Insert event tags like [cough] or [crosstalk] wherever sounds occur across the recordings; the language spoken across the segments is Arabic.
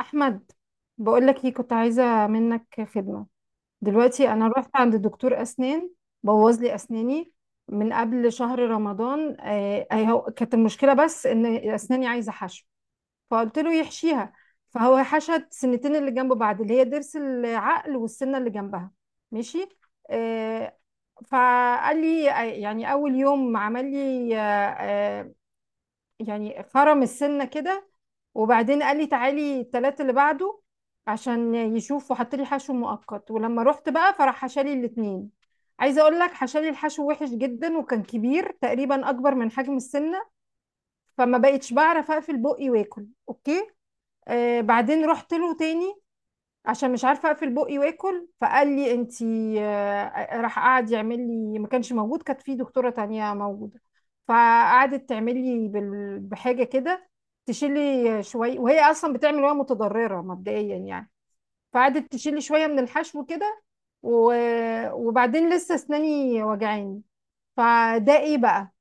احمد، بقول لك ايه، كنت عايزه منك خدمه. دلوقتي انا رحت عند دكتور اسنان بوظ لي اسناني من قبل شهر رمضان. هو كانت المشكله بس ان اسناني عايزه حشو، فقلت له يحشيها، فهو حشت سنتين اللي جنب بعض اللي هي ضرس العقل والسنه اللي جنبها. ماشي. آه. فقال لي، يعني اول يوم عمل لي، آه، يعني خرم السنة كده، وبعدين قال لي تعالي التلات اللي بعده عشان يشوف، وحط لي حشو مؤقت. ولما رحت بقى فراح حشالي الاتنين. عايزة اقول لك، حشالي الحشو وحش جدا وكان كبير تقريبا اكبر من حجم السنة، فما بقتش بعرف اقفل بقي واكل. اوكي. آه، بعدين رحت له تاني عشان مش عارفه اقفل بقي واكل، فقال لي انتي راح قعد يعمل لي، ما كانش موجود، كانت في دكتوره تانية موجوده، فقعدت تعمل لي بحاجه كده، تشيلي شويه، وهي اصلا بتعمل وهي متضرره مبدئيا يعني. فقعدت تشيلي شويه من الحشو كده، وبعدين لسه اسناني وجعاني. فده ايه بقى؟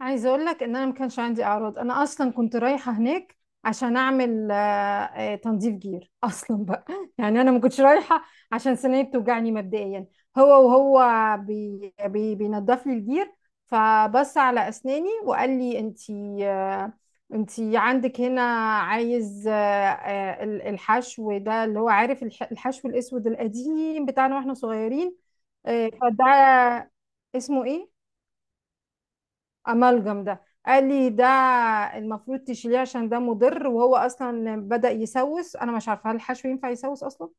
عايزه اقول لك ان انا ما كانش عندي اعراض، انا اصلا كنت رايحه هناك عشان اعمل تنظيف جير اصلا بقى. [laughs] يعني انا ما كنتش رايحه عشان سناني بتوجعني مبدئيا. هو وهو بي بي بينضف لي الجير، فبص على اسناني وقال لي انتي انتي عندك هنا عايز الحشو ده، اللي هو عارف الحشو الاسود القديم بتاعنا واحنا صغيرين. فده اسمه ايه؟ امالجم. ده قال لي ده المفروض تشيليه عشان ده مضر، وهو اصلا بدأ يسوس. انا مش عارفه هل الحشو ينفع يسوس اصلا؟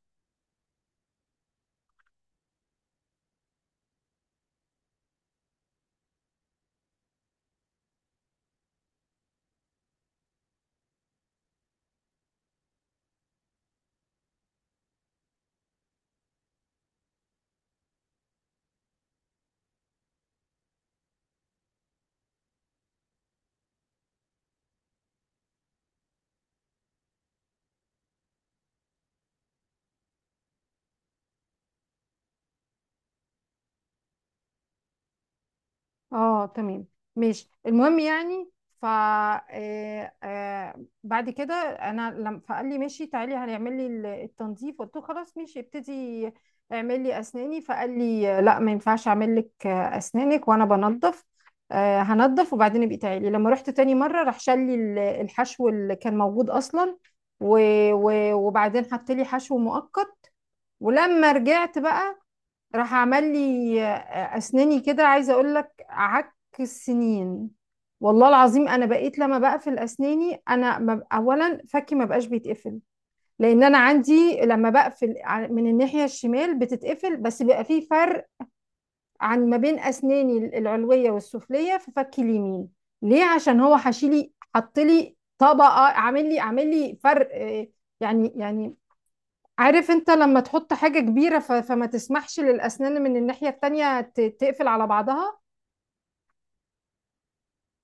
اه تمام. ماشي، المهم يعني، ف آه، آه، بعد كده انا لما فقال لي ماشي تعالي هنعمل لي التنظيف، قلت له خلاص ماشي ابتدي اعمل لي اسناني. فقال لي لا، ما ينفعش اعمل لك اسنانك وانا بنظف. هنضف وبعدين ابقي تعالي. لما رحت تاني مره راح شال لي الحشو اللي كان موجود اصلا، وبعدين حط لي حشو مؤقت. ولما رجعت بقى راح عمل لي، اسناني كده، عايزه اقول لك، عك السنين، والله العظيم انا بقيت لما بقفل اسناني انا ما ب- اولا فكي ما بقاش بيتقفل، لان انا عندي لما بقفل من الناحيه الشمال بتتقفل، بس بيبقى في فرق عن ما بين اسناني العلويه والسفليه في فكي اليمين. ليه؟ عشان هو حشيلي حط لي طبقه، عامل لي فرق، يعني عارف انت لما تحط حاجة كبيرة فما تسمحش للأسنان من الناحية التانية تقفل على بعضها.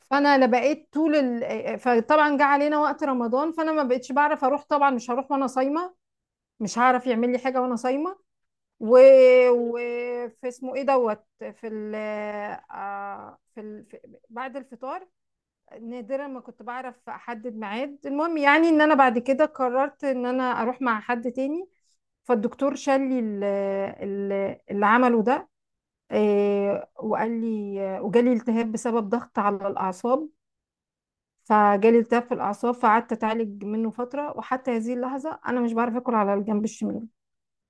فأنا لا بقيت طول فطبعا جه علينا وقت رمضان، فأنا ما بقتش بعرف أروح، طبعا مش هروح وأنا صايمة، مش هعرف يعمل لي حاجة وأنا صايمة، و... و... في اسمه ايه دوت في ال... آه، في ال... في... بعد الفطار نادرا ما كنت بعرف أحدد ميعاد. المهم يعني إن أنا بعد كده قررت إن أنا أروح مع حد تاني، فالدكتور شال لي اللي عمله ده، وقال لي، وجالي التهاب بسبب ضغط على الأعصاب، فجالي التهاب في الأعصاب، فقعدت أتعالج منه فترة، وحتى هذه اللحظة أنا مش بعرف آكل على الجنب الشمال.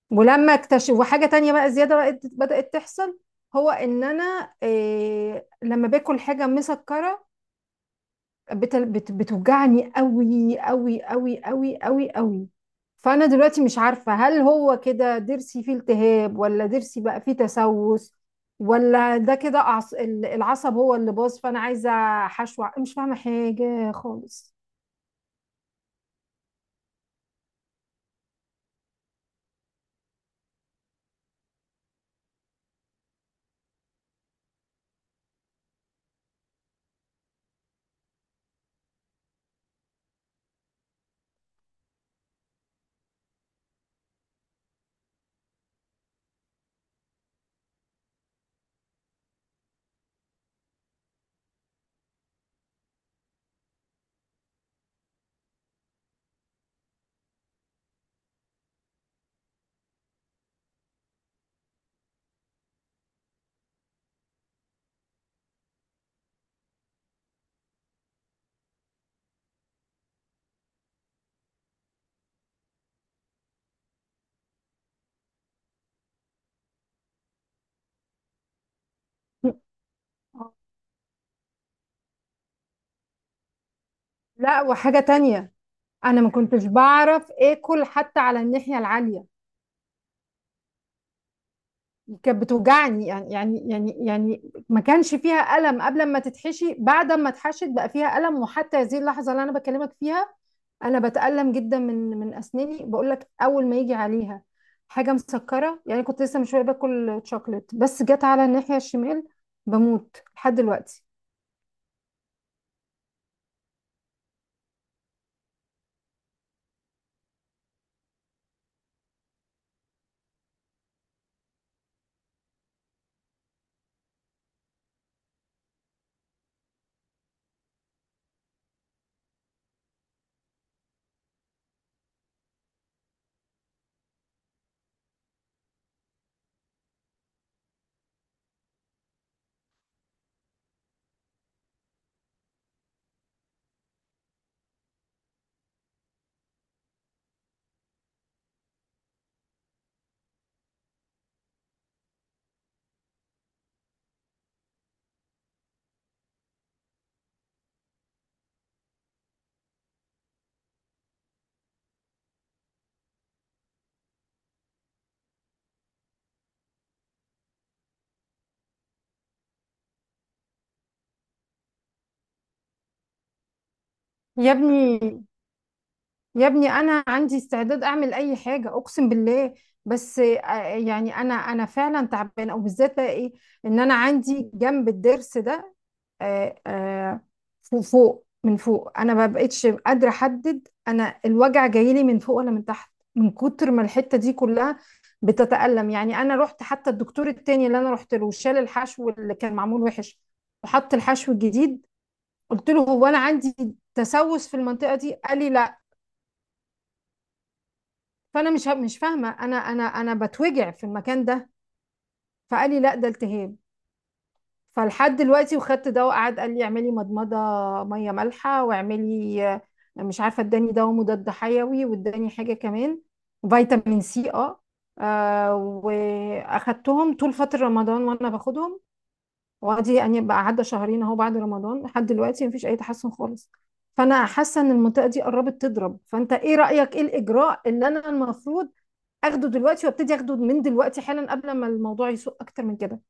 ولما اكتشف، وحاجة تانية بقى زيادة بقت بدأت تحصل، هو إن أنا لما باكل حاجة مسكرة بتوجعني قوي قوي قوي قوي قوي قوي. فانا دلوقتي مش عارفه هل هو كده ضرسي فيه التهاب، ولا ضرسي بقى فيه تسوس، ولا ده كده العصب هو اللي باظ. فانا عايزه حشو مش فاهمه حاجه خالص. لا، وحاجه تانية، انا ما كنتش بعرف اكل حتى على الناحيه العاليه، كانت بتوجعني. يعني ما كانش فيها ألم قبل ما تتحشي، بعد ما اتحشت بقى فيها ألم، وحتى هذه اللحظة اللي أنا بكلمك فيها أنا بتألم جدا من أسناني. بقول لك، أول ما يجي عليها حاجة مسكرة، يعني كنت لسه من شوية باكل شوكليت بس جت على الناحية الشمال، بموت لحد دلوقتي. يا ابني، يا ابني، أنا عندي استعداد أعمل أي حاجة أقسم بالله، بس يعني أنا فعلا تعبانة، وبالذات بقى إيه، إن أنا عندي جنب الضرس ده، آه، آه، فوق، فوق، من فوق، انا ما بقتش قادره احدد انا الوجع جاي لي من فوق ولا من تحت، من كتر ما الحته دي كلها بتتألم. يعني انا رحت حتى الدكتور التاني، اللي انا رحت له شال الحشو اللي كان معمول وحش وحط الحشو الجديد، قلت له هو انا عندي تسوس في المنطقه دي؟ قال لي لا. فانا مش فاهمه، انا انا بتوجع في المكان ده. فقال لي لا، ده التهاب. فلحد دلوقتي وخدت ده، وقعد قال لي اعملي مضمضه ميه مالحه، واعملي مش عارفه، اداني دواء مضاد حيوي، واداني حاجه كمان فيتامين C. اه. واخدتهم طول فتره رمضان وانا باخدهم، وادي يعني بقى عدى شهرين اهو بعد رمضان، لحد دلوقتي مفيش اي تحسن خالص. فانا حاسه ان المنطقه دي قربت تضرب، فانت ايه رايك؟ ايه الاجراء اللي انا المفروض اخده دلوقتي؟ وابتدي اخده من دلوقتي حالا قبل ما الموضوع يسوء اكتر من كده.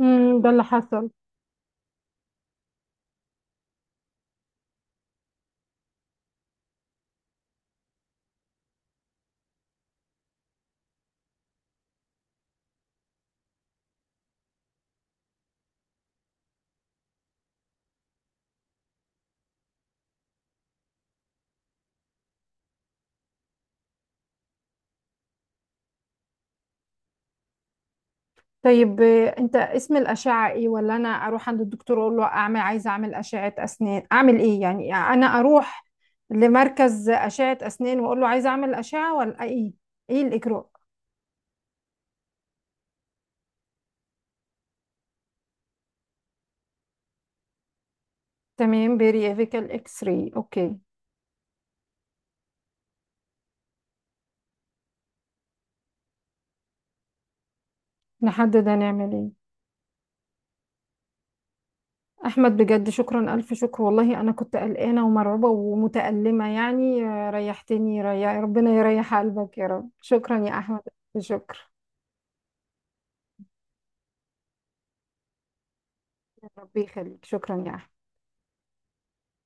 امم، ده اللي حصل. طيب، انت اسم الأشعة ايه؟ ولا انا اروح عند الدكتور اقول له اعمل، عايزة اعمل أشعة اسنان، اعمل ايه؟ يعني انا اروح لمركز أشعة اسنان واقول له عايزة اعمل أشعة، ولا ايه ايه الإجراء؟ تمام، بيريافيكال X-ray، اوكي. نحدد هنعمل ايه. احمد، بجد شكرا، الف شكر والله، انا كنت قلقانة ومرعوبة ومتألمة، يعني ريحتني ريح، ربنا يريح قلبك يا رب. شكرا يا احمد. شكرا. ربي يخليك، شكرا يا احمد.